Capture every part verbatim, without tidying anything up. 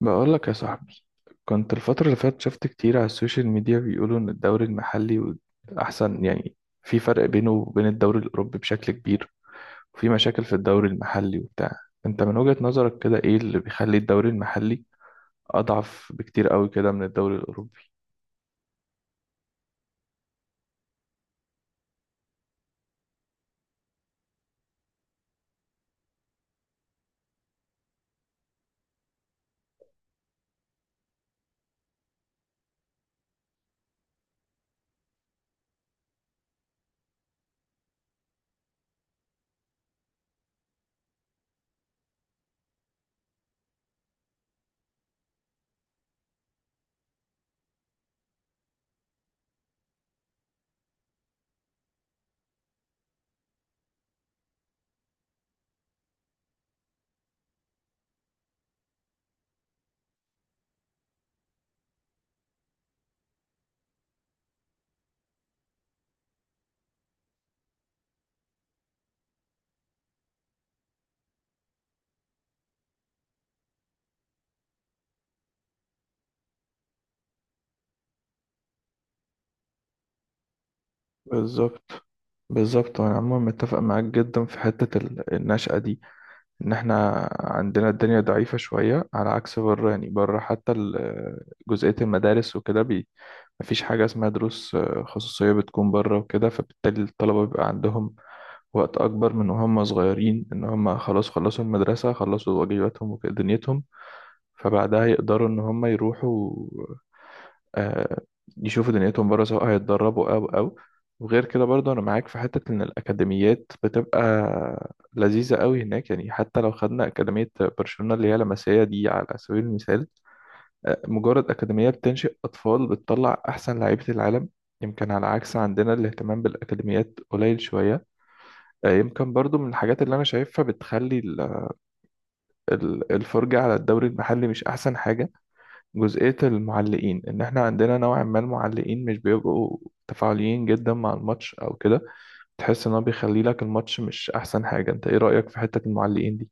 بقول لك يا صاحبي، كنت الفترة اللي فاتت شفت كتير على السوشيال ميديا بيقولوا إن الدوري المحلي أحسن، يعني في فرق بينه وبين الدوري الأوروبي بشكل كبير وفي مشاكل في الدوري المحلي وبتاع. أنت من وجهة نظرك كده إيه اللي بيخلي الدوري المحلي أضعف بكتير قوي كده من الدوري الأوروبي؟ بالظبط. بالظبط، وأنا عموما متفق معاك جدا في حتة ال- النشأة دي، ان احنا عندنا الدنيا ضعيفة شوية على عكس بره. يعني بره حتى ال- جزئية المدارس وكده بي مفيش حاجة اسمها دروس آه، خصوصية بتكون بره وكده، فبالتالي الطلبة بيبقى عندهم وقت أكبر، من وهم صغيرين إن هم خلاص خلصوا المدرسة خلصوا واجباتهم ودنيتهم، فبعدها يقدروا ان هم يروحوا آه، يشوفوا دنيتهم بره، سواء هيتدربوا او او. وغير كده برضه انا معاك في حتة ان الاكاديميات بتبقى لذيذة قوي هناك، يعني حتى لو خدنا اكاديمية برشلونة اللي هي لمسية دي على سبيل المثال، آه، مجرد اكاديمية بتنشئ اطفال بتطلع احسن لعيبة العالم. يمكن على عكس عندنا الاهتمام بالاكاديميات قليل شوية. آه، يمكن برضو من الحاجات اللي انا شايفها بتخلي ال- ال- الفرجة على الدوري المحلي مش احسن حاجة، جزئية المعلقين. إن إحنا عندنا نوعا ما المعلقين مش بيبقوا تفاعليين جدا مع الماتش أو كده، تحس إن هو بيخلي لك الماتش مش أحسن حاجة. أنت إيه رأيك في حتة المعلقين دي؟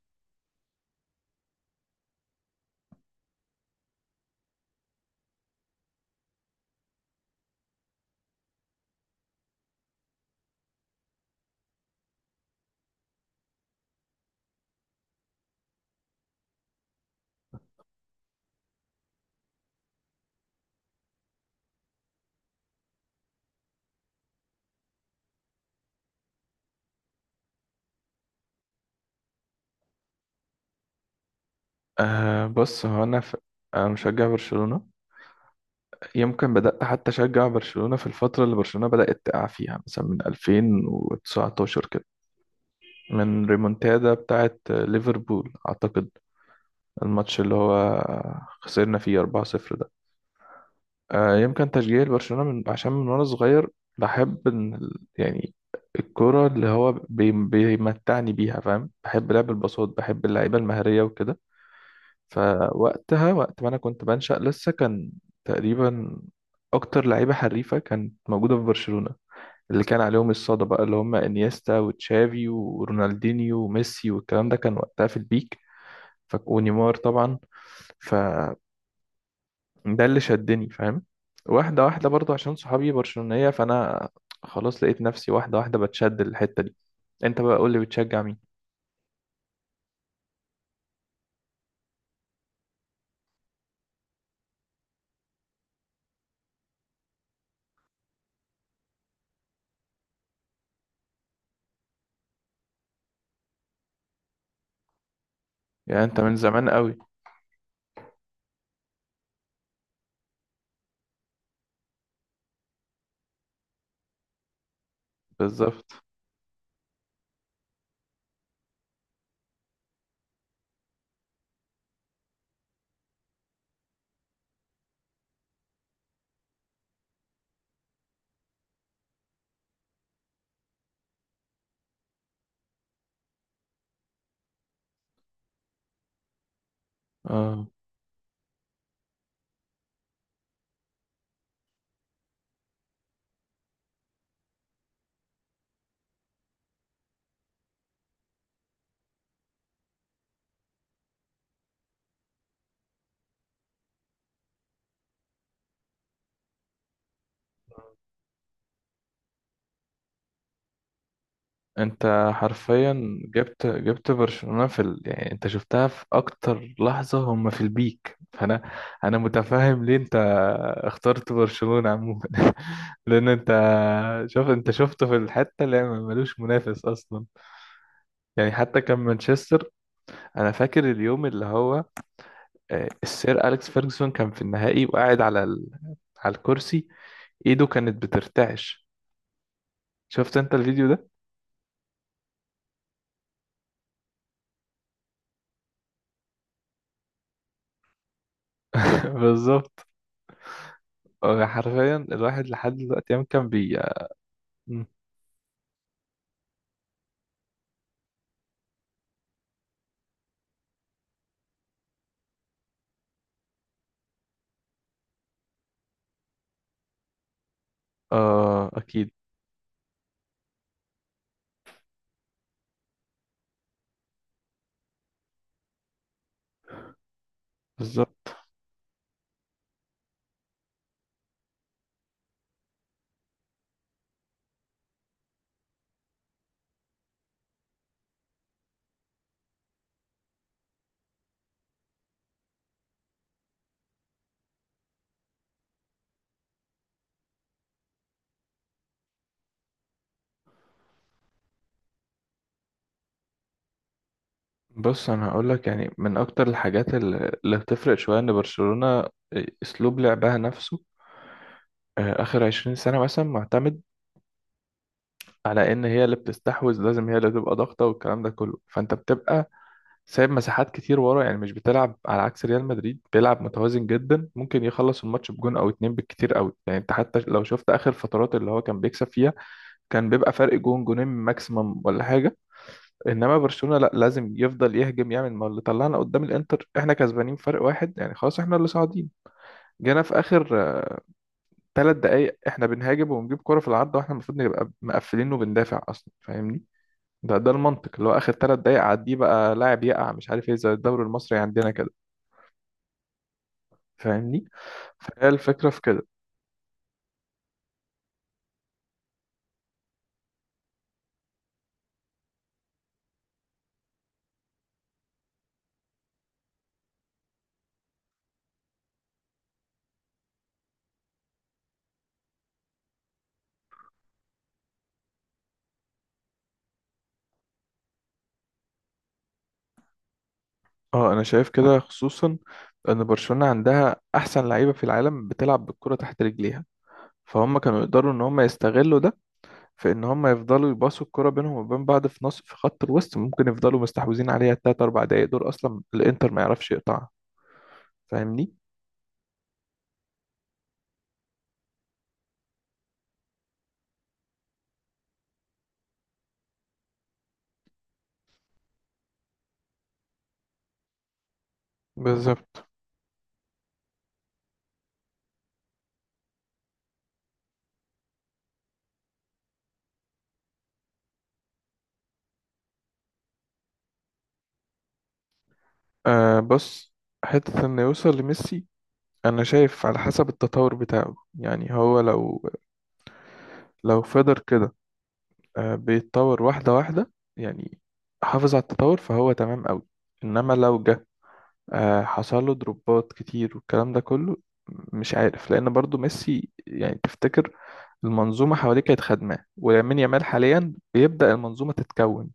آه بص، هو أنا ف... أنا مشجع برشلونة. يمكن بدأت حتى أشجع برشلونة في الفترة اللي برشلونة بدأت تقع فيها، مثلا من ألفين وتسعة عشر كده، من ريمونتادا بتاعت ليفربول أعتقد، الماتش اللي هو خسرنا فيه أربعة صفر. آه، يمكن تشجيعي لبرشلونة من عشان من وأنا صغير بحب إن ال- يعني الكرة اللي هو بي- بيمتعني بيها، فاهم، بحب لعب الباصات بحب اللعيبة المهرية وكده. فوقتها وقت ما أنا كنت بنشأ لسه، كان تقريبا أكتر لعيبة حريفة كانت موجودة في برشلونة، اللي كان عليهم الصدى بقى، اللي هم إنيستا وتشافي ورونالدينيو وميسي، والكلام ده كان وقتها في البيك، ف... ونيمار طبعا. ف ده اللي شدني، فاهم. واحدة واحدة برضو عشان صحابي برشلونية، فأنا خلاص لقيت نفسي واحدة واحدة بتشد الحتة دي. انت بقى قول لي بتشجع مين؟ يعني انت من زمان قوي. بالظبط. اه، انت حرفيا جبت جبت برشلونة في ال... يعني انت شفتها في اكتر لحظة هم في البيك، فانا انا متفاهم ليه انت اخترت برشلونة عموما. لان انت، شوف، انت شفته في الحتة اللي ما- ملوش منافس اصلا، يعني حتى كان مانشستر. انا فاكر اليوم اللي هو آه، السير اليكس فيرجسون كان في النهائي وقاعد على ال... على الكرسي، ايده كانت بترتعش. شفت انت الفيديو ده؟ بالظبط. آه، حرفيا الواحد لحد دلوقتي، يوم كان بي مم. اه اكيد. بالظبط. بص انا هقول لك، يعني من اكتر الحاجات اللي اللي بتفرق شويه ان برشلونه، آه، اسلوب لعبها نفسه آه، اخر عشرين سنه مثلا معتمد على ان هي اللي بتستحوذ، لازم هي اللي تبقى ضاغطه والكلام ده كله، فانت بتبقى سايب مساحات كتير ورا، يعني مش بتلعب. على عكس ريال مدريد بيلعب متوازن جدا، ممكن يخلص الماتش بجون او اتنين بالكتير قوي. يعني انت حتى لو شفت اخر فترات اللي هو كان بيكسب فيها، كان بيبقى فرق جون جونين ماكسيمم ولا حاجه. انما برشلونه لا، لازم يفضل يهجم، يعمل ما اللي طلعنا قدام الانتر، احنا كسبانين فرق واحد يعني خلاص احنا اللي صاعدين، جينا في اخر ثلاث دقايق احنا بنهاجم وبنجيب كرة في العارضه واحنا المفروض نبقى مقفلين وبندافع اصلا، فاهمني. ده ده المنطق، اللي هو اخر ثلاث دقايق عديه بقى لاعب يقع مش عارف ايه، زي الدوري المصري عندنا كده، فاهمني. فهي الفكرة في كده. اه انا شايف كده، خصوصا ان برشلونة عندها احسن لعيبة في العالم بتلعب بالكرة تحت رجليها، فهم كانوا يقدروا ان هم يستغلوا ده في ان هم يفضلوا يباصوا الكرة بينهم وبين بعض في نص في خط الوسط، ممكن يفضلوا مستحوذين عليها التلات اربع دقايق دول اصلا الانتر ما يعرفش يقطعها، فاهمني. بالظبط. آه بص، حتة انه يوصل لميسي انا شايف على حسب التطور بتاعه. يعني هو لو لو فضل كده آه، بيتطور واحدة واحدة، يعني حافظ على التطور فهو تمام قوي. انما لو جه آه، حصل له دروبات كتير والكلام ده كله، م- مش عارف. لان برضو ميسي، يعني تفتكر المنظومة حواليه كانت خدماه؟ ولامين يامال حاليا بيبدأ المنظومة تتكون.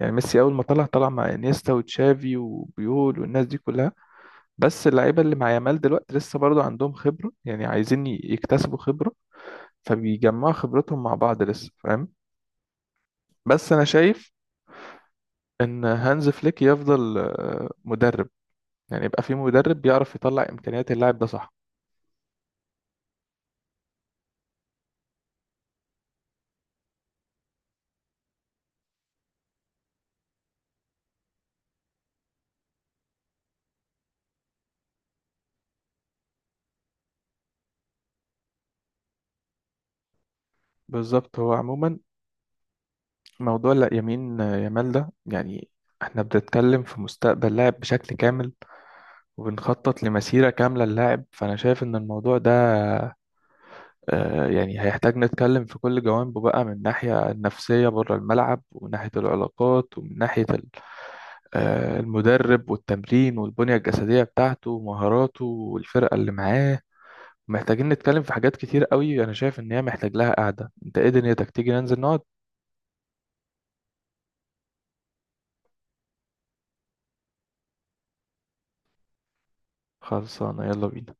يعني ميسي اول ما طلع، طلع مع انيستا وتشافي وبيول والناس دي كلها، بس اللعيبة اللي مع يامال دلوقتي لسه برضو عندهم خبرة، يعني عايزين ي- يكتسبوا خبرة، فبيجمعوا خبرتهم مع بعض لسه، فاهم. بس انا شايف ان هانز فليك يفضل آه، مدرب، يعني يبقى في مدرب بيعرف يطلع امكانيات اللاعب ده، صح. بالظبط. هو عموما موضوع لا يمين آه، يامال ده، يعني احنا بنتكلم في مستقبل لاعب بشكل كامل وبنخطط لمسيرة كاملة للاعب، فانا شايف ان الموضوع ده آه، يعني هيحتاج نتكلم في كل جوانبه بقى، من ناحية النفسية بره الملعب، ومن ناحية العلاقات، ومن ناحية ال- آه، المدرب والتمرين والبنية الجسدية بتاعته ومهاراته والفرقة اللي معاه. محتاجين نتكلم في حاجات كتير قوي، انا شايف ان هي محتاج لها قعدة. انت ايه دنيتك؟ تيجي ننزل نقعد. خلصانة، يلا بينا.